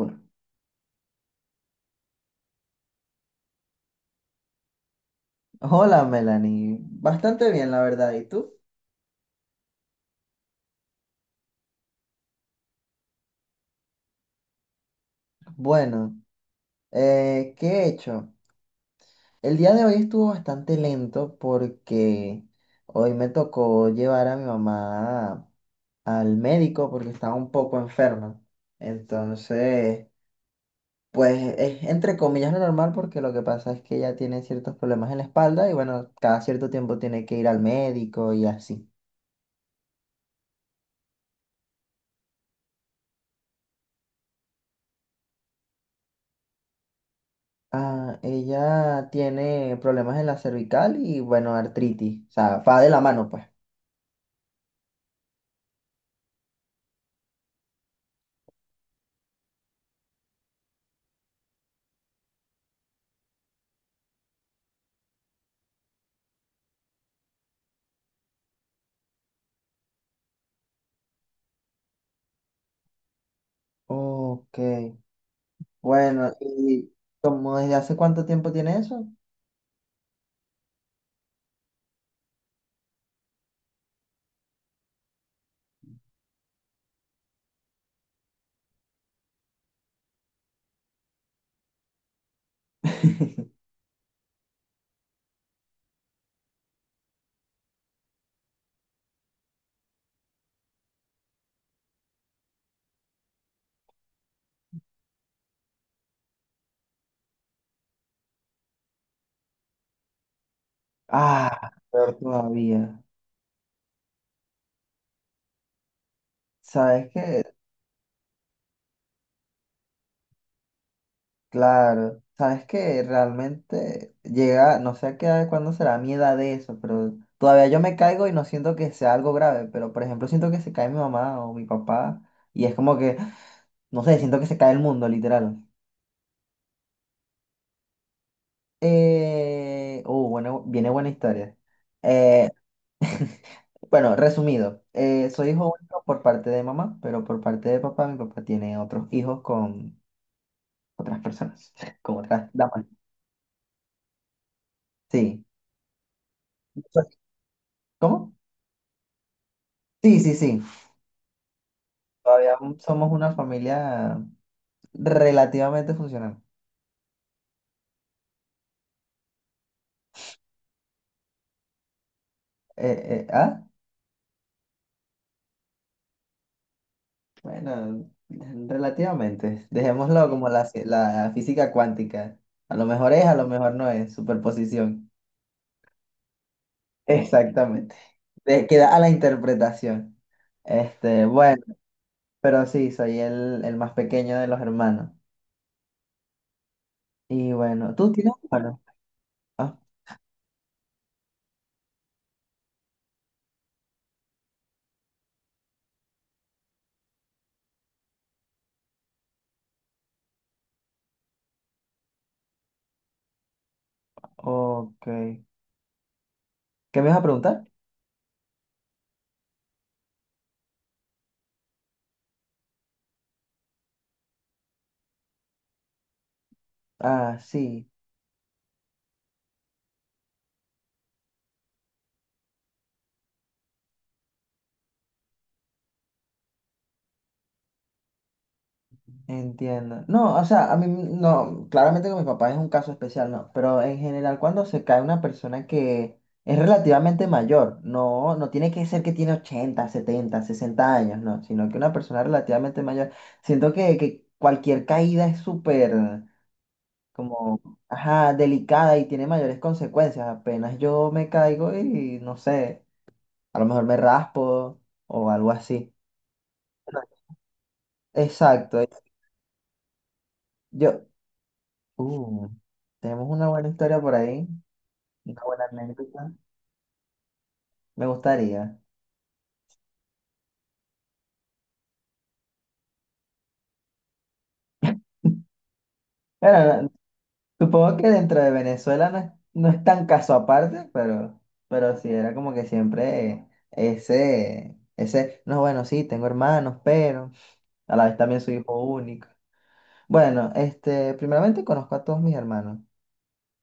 Uno. Hola Melanie, bastante bien la verdad, ¿y tú? Bueno, ¿qué he hecho? El día de hoy estuvo bastante lento porque hoy me tocó llevar a mi mamá al médico porque estaba un poco enferma. Entonces, pues es entre comillas lo normal porque lo que pasa es que ella tiene ciertos problemas en la espalda y bueno, cada cierto tiempo tiene que ir al médico y así. Ah, ella tiene problemas en la cervical y bueno, artritis. O sea, va de la mano, pues. Ok. Bueno, ¿y como desde hace cuánto tiempo tiene eso? Ah, peor todavía. ¿Sabes qué? Claro. ¿Sabes qué? Realmente llega, no sé a qué edad, cuándo será mi edad de eso, pero todavía yo me caigo y no siento que sea algo grave, pero por ejemplo siento que se cae mi mamá o mi papá y es como que, no sé, siento que se cae el mundo, literal. Bueno, viene buena historia. Eh, bueno, resumido, soy hijo único por parte de mamá, pero por parte de papá, mi papá tiene otros hijos con otras personas, con otras damas. Sí. ¿Cómo? Sí, sí, sí. Todavía somos una familia relativamente funcional. ¿Ah? Bueno, relativamente. Dejémoslo como la física cuántica. A lo mejor es, a lo mejor no es, superposición. Exactamente. Queda a la interpretación. Este, bueno, pero sí, soy el más pequeño de los hermanos. Y bueno, ¿tú tienes hermanos? Ah, ok. ¿Qué me vas a preguntar? Ah, sí. Entiendo. No, o sea, a mí no, claramente con mi papá es un caso especial, no, pero en general cuando se cae una persona que es relativamente mayor, no, no tiene que ser que tiene 80, 70, 60 años, no, sino que una persona relativamente mayor, siento que cualquier caída es súper como, ajá, delicada y tiene mayores consecuencias. Apenas yo me caigo y no sé, a lo mejor me raspo o algo así. Exacto. Yo, Uh, tenemos una buena historia por ahí, una buena anécdota. Me gustaría. Bueno, supongo que dentro de Venezuela no es tan caso aparte, pero sí era como que siempre ese, no, bueno, sí, tengo hermanos, pero a la vez también soy hijo único. Bueno, este, primeramente conozco a todos mis hermanos.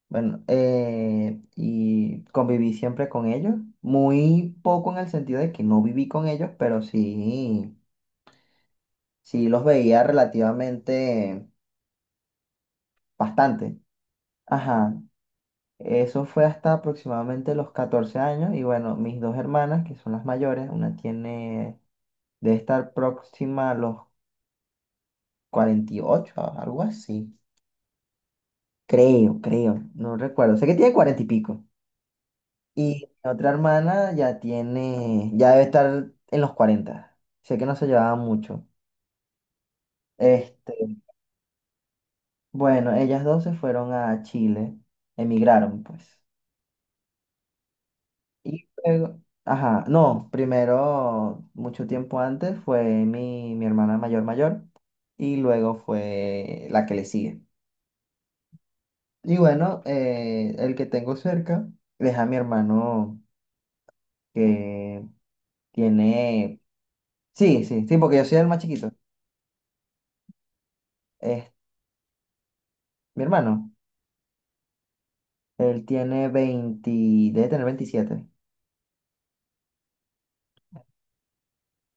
Bueno, y conviví siempre con ellos. Muy poco en el sentido de que no viví con ellos, pero sí. Sí, los veía relativamente bastante. Ajá. Eso fue hasta aproximadamente los 14 años. Y bueno, mis dos hermanas, que son las mayores, una tiene, debe estar próxima a los 48, algo así. Creo. No recuerdo. Sé que tiene 40 y pico. Y mi otra hermana ya tiene, ya debe estar en los 40. Sé que no se llevaban mucho. Este, bueno, ellas dos se fueron a Chile. Emigraron, pues. Y luego, ajá, no, primero, mucho tiempo antes, fue mi hermana mayor mayor y luego fue la que le sigue. Y bueno, el que tengo cerca es a mi hermano que tiene, sí, sí, sí, porque yo soy el más chiquito. Es mi hermano, él tiene 20, debe tener 27.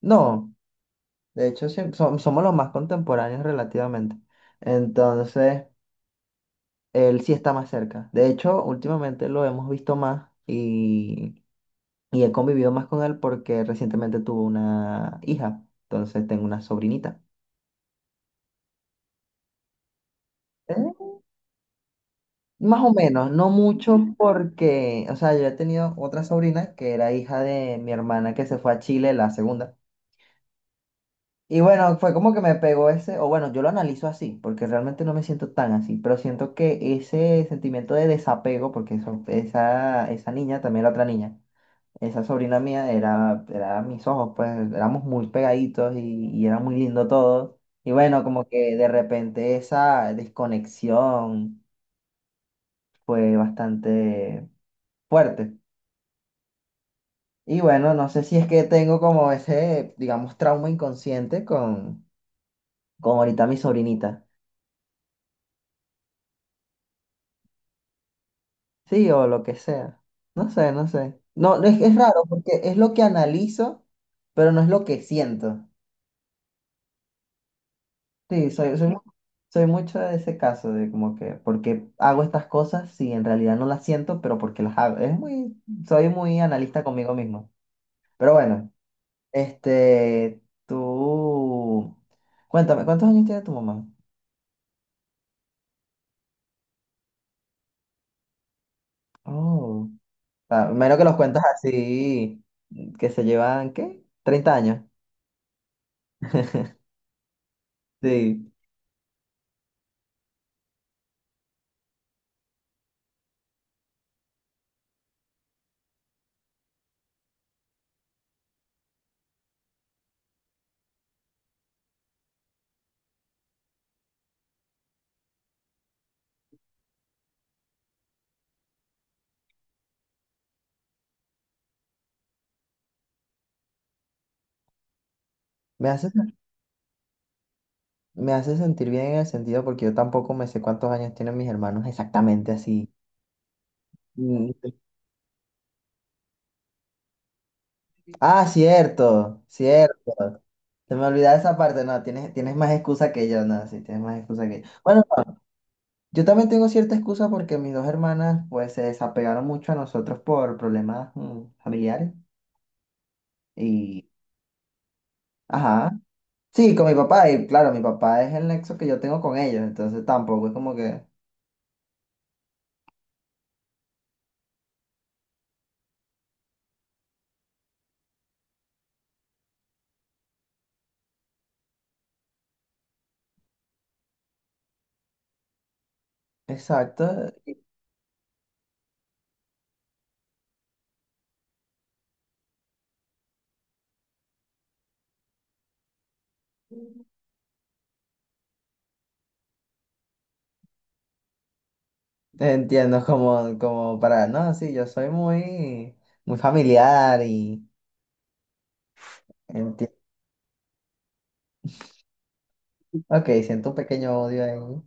No, de hecho, sí, somos los más contemporáneos relativamente. Entonces, él sí está más cerca. De hecho, últimamente lo hemos visto más y he convivido más con él porque recientemente tuvo una hija. Entonces tengo una sobrinita. ¿Eh? Más o menos, no mucho porque, o sea, yo he tenido otra sobrina que era hija de mi hermana que se fue a Chile, la segunda. Y bueno, fue como que me pegó ese, o bueno, yo lo analizo así, porque realmente no me siento tan así, pero siento que ese sentimiento de desapego, porque eso, esa niña, también la otra niña. Esa sobrina mía era mis ojos, pues éramos muy pegaditos y era muy lindo todo. Y bueno, como que de repente esa desconexión fue bastante fuerte. Y bueno, no sé si es que tengo como ese, digamos, trauma inconsciente con ahorita mi sobrinita. Sí, o lo que sea. No sé, no sé. No, no, es raro porque es lo que analizo, pero no es lo que siento. Sí, soy mucho de ese caso, de como que, porque hago estas cosas si en realidad no las siento, pero porque las hago. Soy muy analista conmigo mismo. Pero bueno, este, tú, cuéntame, ¿cuántos años tiene tu mamá? Oh, ah, menos que los cuentas así, que se llevan, ¿qué? 30 años. Sí, me hace, me hace sentir bien en el sentido porque yo tampoco me sé cuántos años tienen mis hermanos exactamente así. Mm, ah, cierto, cierto. Se me olvidaba esa parte. No, tienes más excusa que yo, no, sí, tienes más excusa que yo. Bueno, no, yo también tengo cierta excusa porque mis dos hermanas, pues, se desapegaron mucho a nosotros por problemas familiares. Y, ajá. Sí, con mi papá. Y claro, mi papá es el nexo que yo tengo con ellos. Entonces tampoco es como que. Exacto. Entiendo, como para. No, sí, yo soy muy, muy familiar y. Entiendo. Ok, siento un pequeño odio ahí.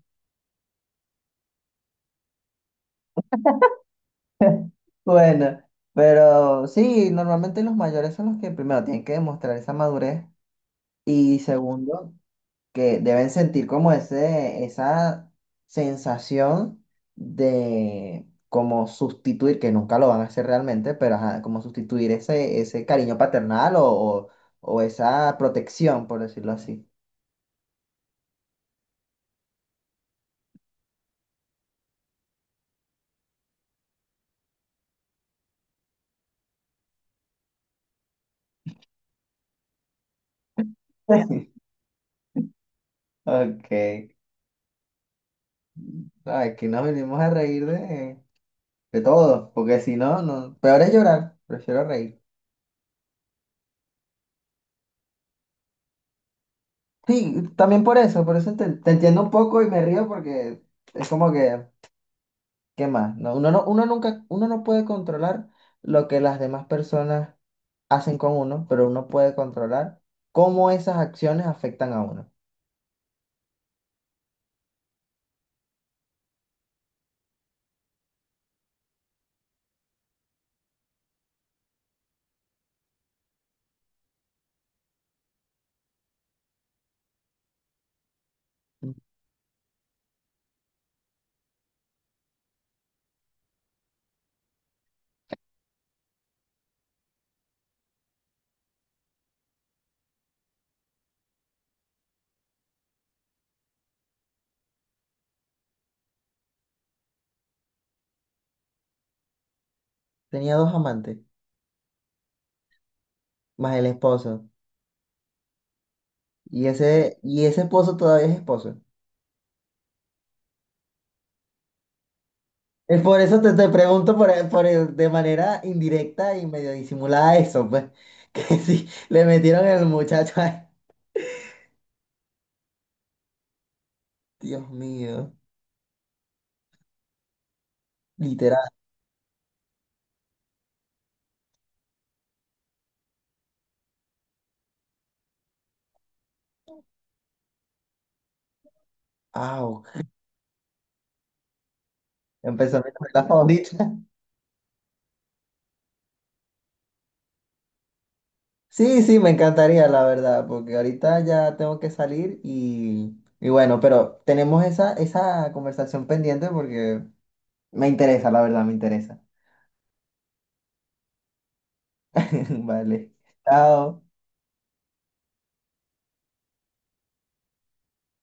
Bueno, pero sí, normalmente los mayores son los que primero tienen que demostrar esa madurez y segundo, que deben sentir como esa sensación de como sustituir, que nunca lo van a hacer realmente, pero ajá, como sustituir ese cariño paternal o esa protección, por decirlo así. Ok, ay, aquí nos venimos a reír de todo, porque si no, no, peor es llorar, prefiero reír. Sí, también por eso te entiendo un poco y me río porque es como que, ¿qué más? No, uno no, uno nunca, uno no puede controlar lo que las demás personas hacen con uno, pero uno puede controlar cómo esas acciones afectan a uno. Mm. Tenía dos amantes, más el esposo, y ese esposo todavía es esposo. Es por eso te pregunto de manera indirecta y medio disimulada eso, pues, que sí, le metieron el muchacho, ay, Dios mío, au, empezó mi novela favorita. Sí, sí, me encantaría, la verdad, porque ahorita ya tengo que salir y bueno, pero tenemos esa conversación pendiente porque me interesa, la verdad, me interesa. Vale, chao.